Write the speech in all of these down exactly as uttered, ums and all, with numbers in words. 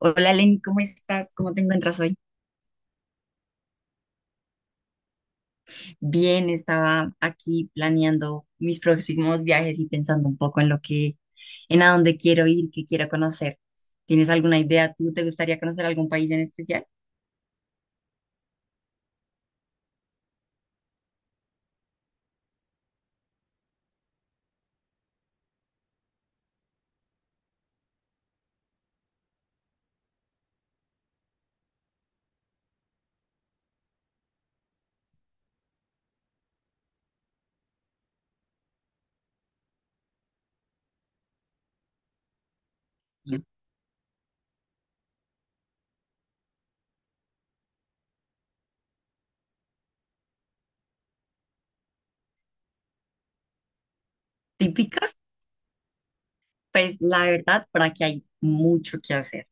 Hola Lenny, ¿cómo estás? ¿Cómo te encuentras hoy? Bien, estaba aquí planeando mis próximos viajes y pensando un poco en lo que, en a dónde quiero ir, qué quiero conocer. ¿Tienes alguna idea? ¿Tú te gustaría conocer algún país en especial? Típicas. Pues la verdad, por aquí hay mucho que hacer.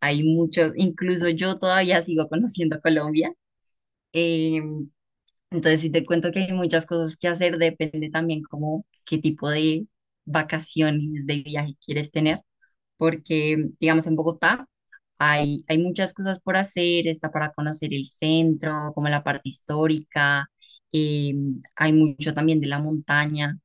Hay muchos, incluso yo todavía sigo conociendo Colombia. Eh, entonces, si te cuento que hay muchas cosas que hacer, depende también como qué tipo de vacaciones, de viaje quieres tener porque, digamos, en Bogotá hay, hay muchas cosas por hacer, está para conocer el centro, como la parte histórica, eh, hay mucho también de la montaña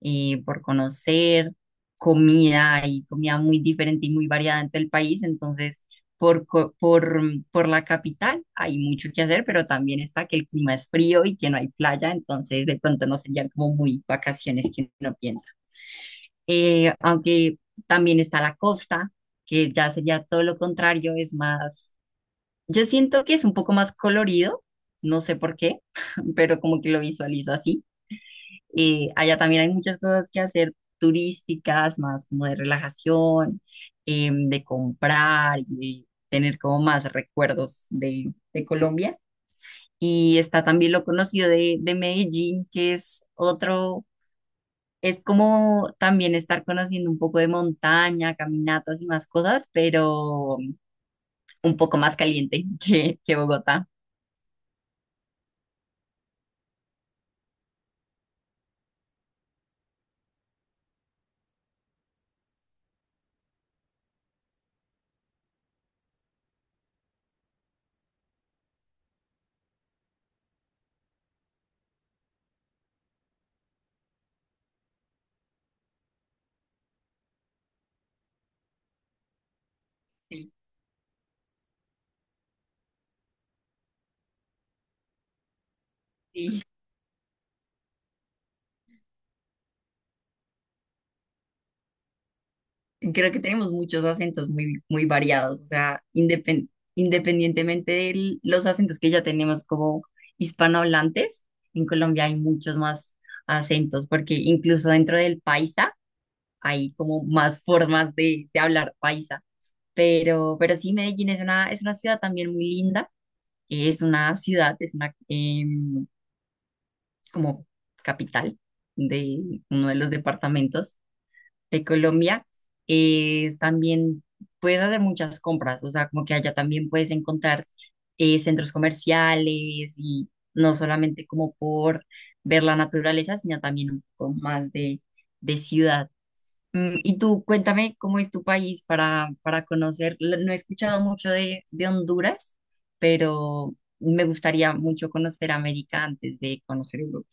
eh, por conocer, comida, hay comida muy diferente y muy variada en todo el país, entonces por, co- por, por la capital hay mucho que hacer, pero también está que el clima es frío y que no hay playa, entonces de pronto no serían como muy vacaciones que uno piensa, eh, aunque también está la costa, que ya sería todo lo contrario, es más, yo siento que es un poco más colorido, no sé por qué, pero como que lo visualizo así. Eh, allá también hay muchas cosas que hacer turísticas, más como de relajación, em, de comprar y tener como más recuerdos de, de Colombia. Y está también lo conocido de, de Medellín, que es otro, es como también estar conociendo un poco de montaña, caminatas y más cosas, pero un poco más caliente que, que Bogotá. Sí, sí. Creo que tenemos muchos acentos muy, muy variados, o sea, indepen- independientemente de los acentos que ya tenemos como hispanohablantes, en Colombia hay muchos más acentos, porque incluso dentro del paisa hay como más formas de, de hablar paisa. Pero, pero sí, Medellín es una, es una ciudad también muy linda. Es una ciudad, es una em, como capital de uno de los departamentos de Colombia. Es también puedes hacer muchas compras, o sea, como que allá también puedes encontrar eh, centros comerciales y no solamente como por ver la naturaleza, sino también un poco más de, de ciudad. Mm, y tú, cuéntame cómo es tu país para, para conocer. L- No he escuchado mucho de, de Honduras, pero me gustaría mucho conocer América antes de conocer Europa.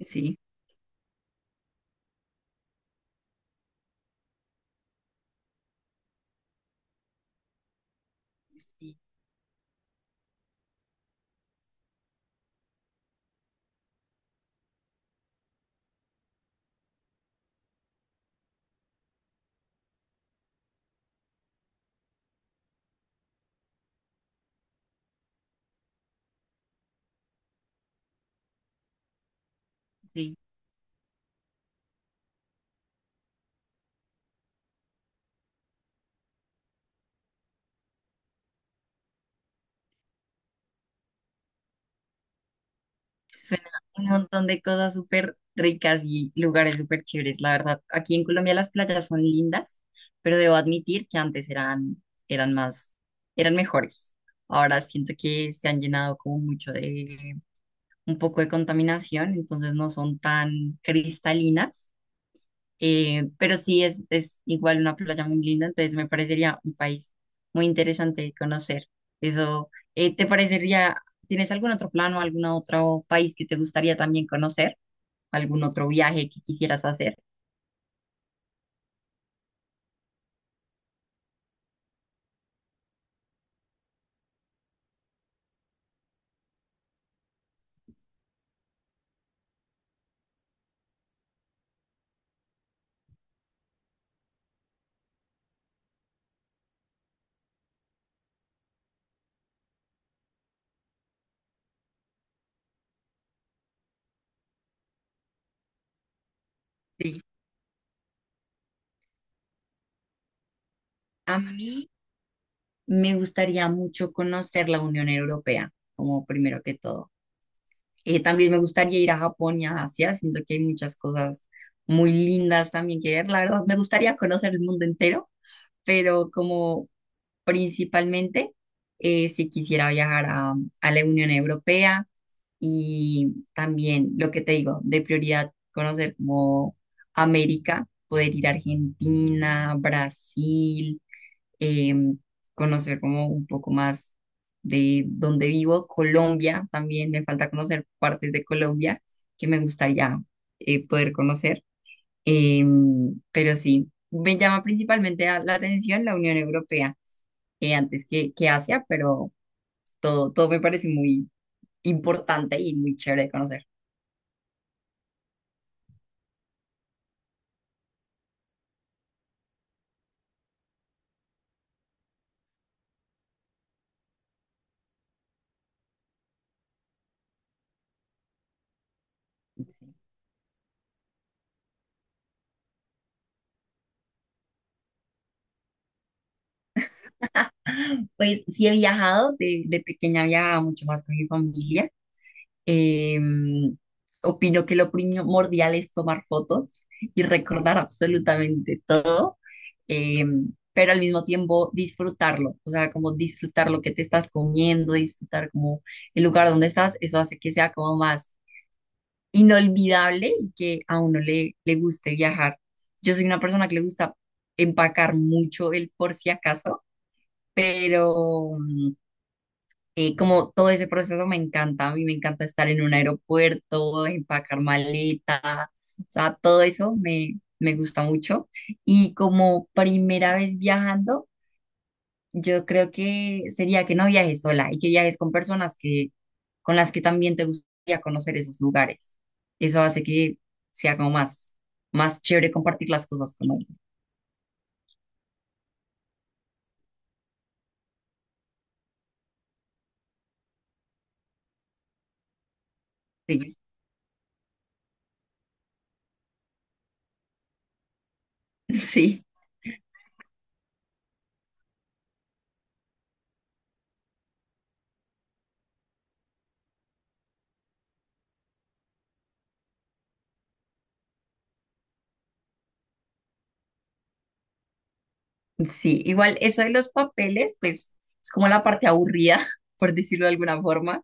Sí, sí, sí. Suena un montón de cosas súper ricas y lugares súper chéveres, la verdad. Aquí en Colombia las playas son lindas, pero debo admitir que antes eran, eran más, eran mejores. Ahora siento que se han llenado como mucho de un poco de contaminación, entonces no son tan cristalinas, eh, pero sí es, es igual una playa muy linda, entonces me parecería un país muy interesante de conocer. Eso, eh, ¿te parecería, tienes algún otro plan o algún otro país que te gustaría también conocer? ¿Algún otro viaje que quisieras hacer? Sí. A mí me gustaría mucho conocer la Unión Europea, como primero que todo. Eh, también me gustaría ir a Japón y a Asia, siento que hay muchas cosas muy lindas también que ver. La verdad, me gustaría conocer el mundo entero, pero como principalmente, eh, si quisiera viajar a, a la Unión Europea, y también lo que te digo, de prioridad, conocer como América, poder ir a Argentina, Brasil, em, conocer como un poco más de donde vivo, Colombia. También me falta conocer partes de Colombia que me gustaría eh, poder conocer. Em, pero sí, me llama principalmente a- la atención la Unión Europea eh, antes que, que Asia, pero todo, todo me parece muy importante y muy chévere de conocer. Pues sí he viajado, de, de pequeña viajaba mucho más con mi familia. Em, Opino que lo primordial es tomar fotos y recordar absolutamente todo, em, pero al mismo tiempo disfrutarlo, o sea, como disfrutar lo que te estás comiendo, disfrutar como el lugar donde estás, eso hace que sea como más inolvidable y que a uno le, le guste viajar. Yo soy una persona que le gusta empacar mucho el por si acaso, pero... mm, y como todo ese proceso me encanta, a mí me encanta estar en un aeropuerto, empacar maleta, o sea, todo eso me, me gusta mucho. Y como primera vez viajando, yo creo que sería que no viajes sola y que viajes con personas que, con las que también te gustaría conocer esos lugares. Eso hace que sea como más, más chévere compartir las cosas con alguien. Sí, sí, sí. Igual eso de los papeles, pues es como la parte aburrida, por decirlo de alguna forma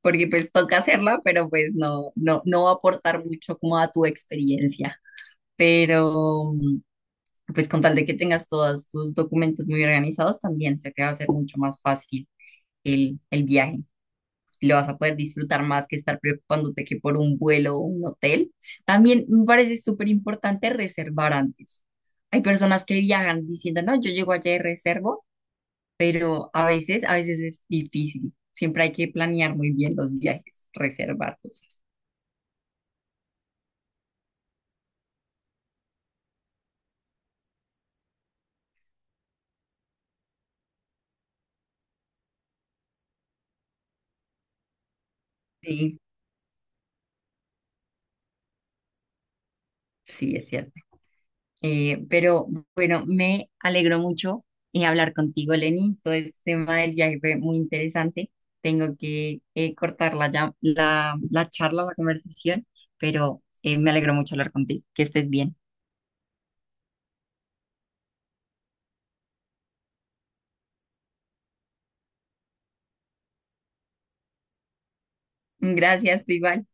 porque pues toca hacerla, pero pues no, no, no va a aportar mucho como a tu experiencia. Pero mm, pues con tal de que tengas todos tus documentos muy organizados, también se te va a hacer mucho más fácil el, el viaje. Lo vas a poder disfrutar más que estar preocupándote que por un vuelo o un hotel. También me parece súper importante reservar antes. Hay personas que viajan diciendo, no, yo llego allá y reservo, pero a veces, a veces es difícil. Siempre hay que planear muy bien los viajes, reservar cosas. Sí, sí, es cierto. Eh, pero bueno, me alegró mucho eh, hablar contigo, Lenny. Todo este tema del viaje fue muy interesante. Tengo que eh, cortar la, llam- la, la charla, la conversación, pero eh, me alegró mucho hablar contigo. Que estés bien. Gracias, tú igual.